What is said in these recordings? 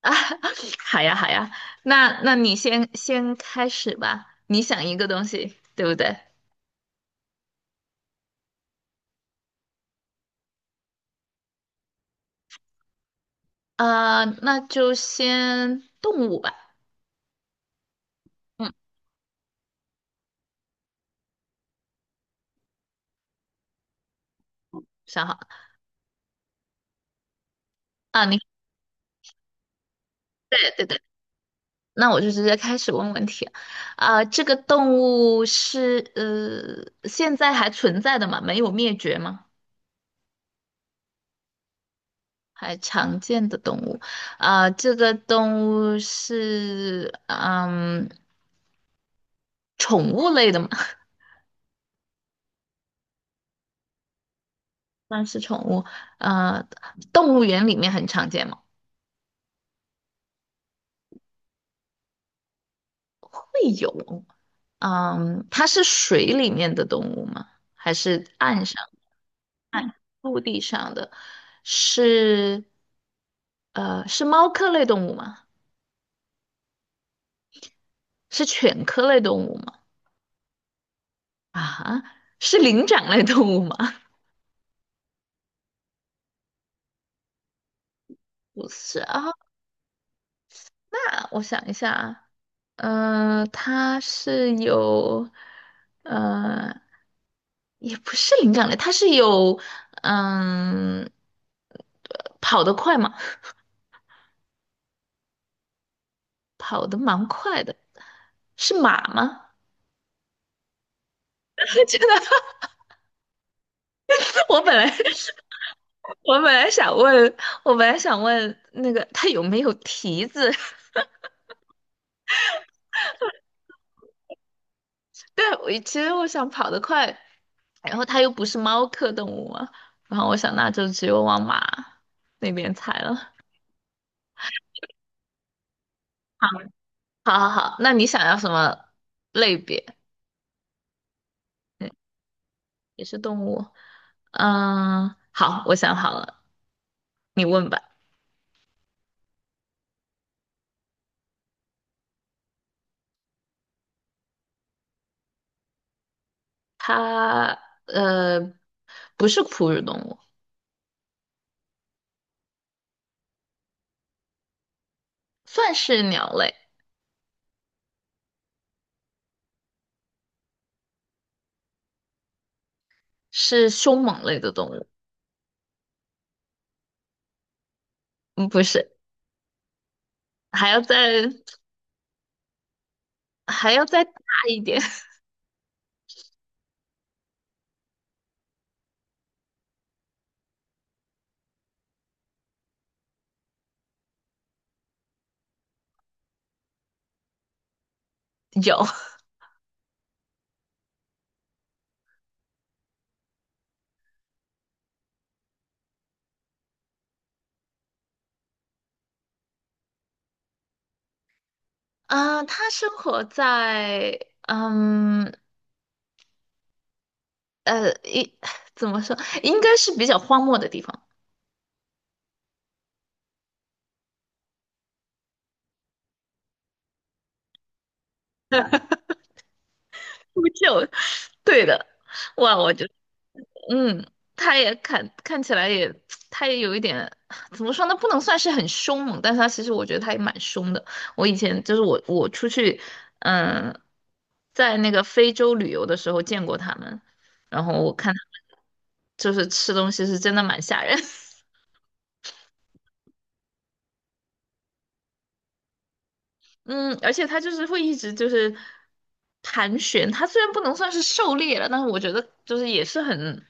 啊，好呀，好呀，那那你先开始吧，你想一个东西，对不对？那就先动物吧。嗯，想好了啊，你对对对，那我就直接开始问问题。啊，这个动物是现在还存在的吗？没有灭绝吗？还常见的动物。啊，这个动物是宠物类的吗？那是宠物，呃，动物园里面很常见吗？会有，嗯，它是水里面的动物吗？还是岸上、陆地上的？是，是猫科类动物吗？是犬科类动物吗？啊，是灵长类动物吗？不是啊，那我想一下，啊。呃，它是有，呃，也不是灵长类，它是有，嗯，跑得快吗？跑得蛮快的，是马吗？真的，我本来我本来想问，我本来想问那个它有没有蹄子？对，我其实我想跑得快，然后它又不是猫科动物嘛，然后我想那就只有往马那边猜了。好好好，那你想要什么类别？嗯，也是动物。嗯，好，我想好了，你问吧。它呃不是哺乳动物，算是鸟类，是凶猛类的动物。嗯，不是，还要再还要再大一点。有，嗯、它生活在嗯呃一 怎么说，应该是比较荒漠的地方。秃鹫，对的。哇，我就。嗯，他也看起来也，他也有一点，怎么说呢？不能算是很凶猛，但是他其实我觉得他也蛮凶的。我以前就是我出去，嗯，在那个非洲旅游的时候见过他们，然后我看他们就是吃东西是真的蛮吓人，嗯，而且他就是会一直就是盘旋，他虽然不能算是狩猎了，但是我觉得就是也是很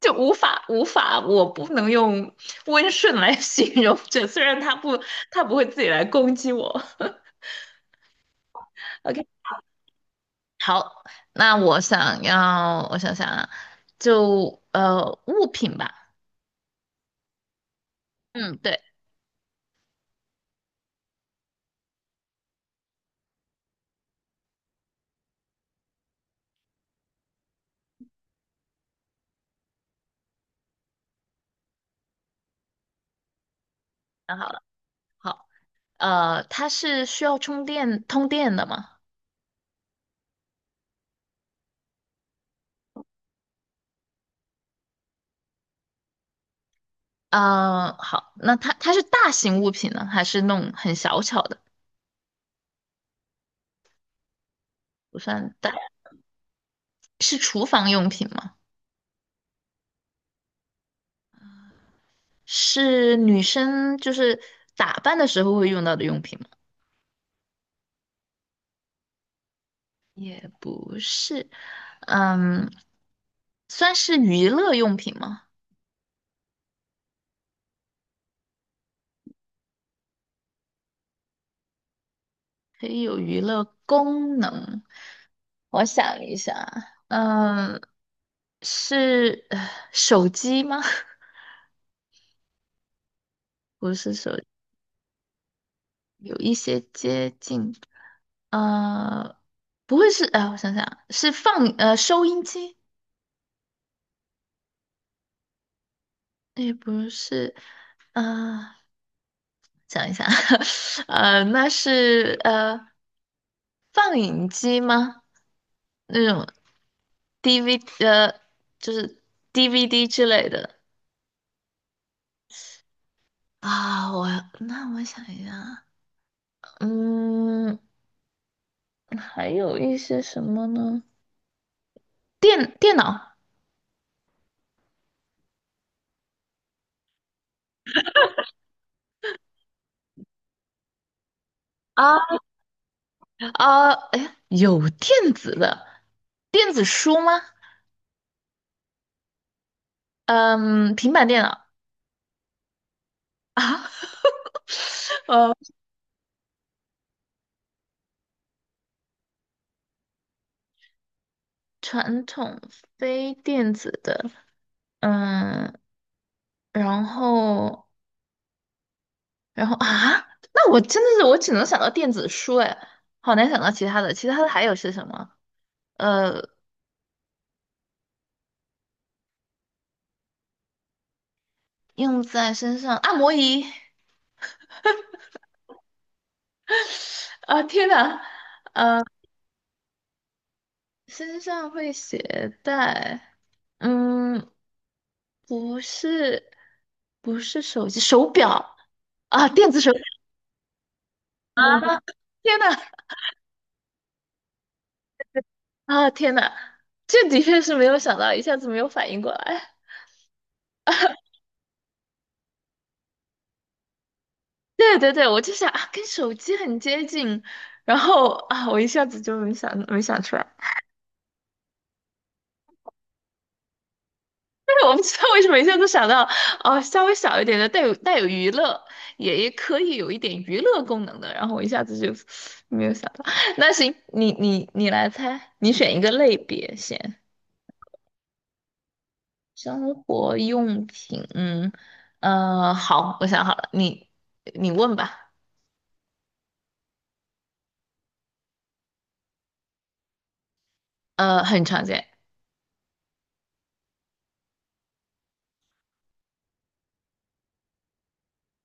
就无法无法，我不能用温顺来 形容这，虽然他不会自己来攻击我。OK，好，那我想要，我想想啊，就物品吧，嗯，对，想好了，好，它是需要充电通电的吗？好，那它是大型物品呢，还是那种很小巧的？不算大，是厨房用品吗？是女生就是打扮的时候会用到的用品吗？也不是，嗯，算是娱乐用品吗？可以有娱乐功能。我想一下，嗯，是手机吗？不是手机有一些接近，呃，不会是，哎、我想想，是放收音机。也不是，啊，想一想，那是放映机吗？那种 DV 呃，就是 DVD 之类的啊。我那我想一下，嗯，还有一些什么呢？电脑啊啊，哎，有电子的电子书吗？嗯，平板电脑啊，呃。传统非电子的，嗯，然后，然后啊，那我真的是我只能想到电子书，哎，好难想到其他的。其他的还有是什么？呃，用在身上，按摩仪，啊，天哪，身上会携带，嗯，不是，不是手机，手表啊，电子手表啊，天哪，啊，天哪，这的确是没有想到，一下子没有反应过来。对对对，我就想啊，跟手机很接近，然后啊，我一下子就没想出来，但是我不知道为什么一下子想到，哦，稍微小一点的带有娱乐，也可以有一点娱乐功能的，然后我一下子就没有想到。那行，你你来猜，你选一个类别先，生活用品，嗯，好，我想好了，你问吧，很常见，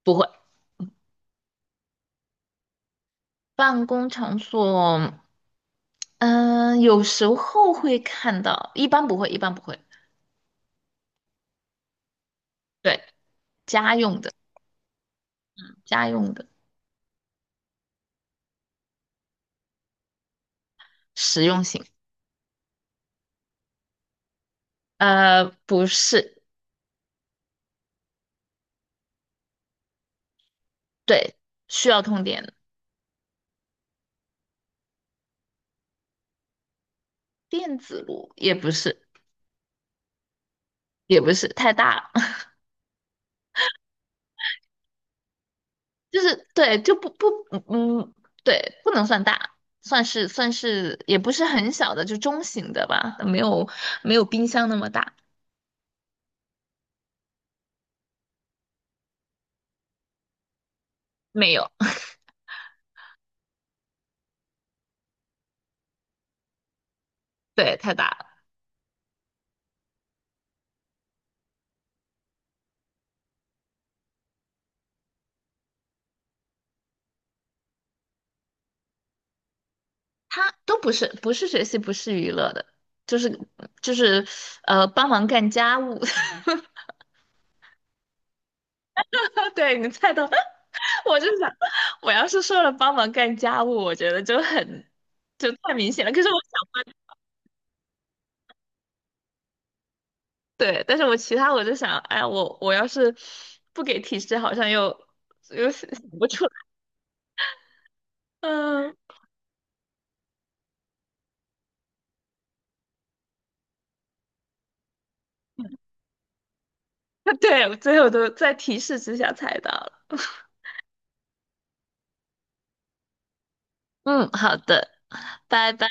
不会，办公场所。嗯，有时候会看到，一般不会，一般不会。对，家用的，家用的，实用性。不是，对，需要通电的，电子炉也不是，也不是太大了，就是对，就不不，嗯，对，不能算大，算是，也不是很小的，就中型的吧，没有冰箱那么大，没有，对，太大了。他都不是学习，不是娱乐的，就是就是帮忙干家务。对你猜到，我就想，我要是说了帮忙干家务，我觉得就太明显了。可是我想问，对，但是其他我就想，哎，我我要是不给提示，好像又想不出来。嗯，对，最后都在提示之下猜到了。嗯，好的，拜拜。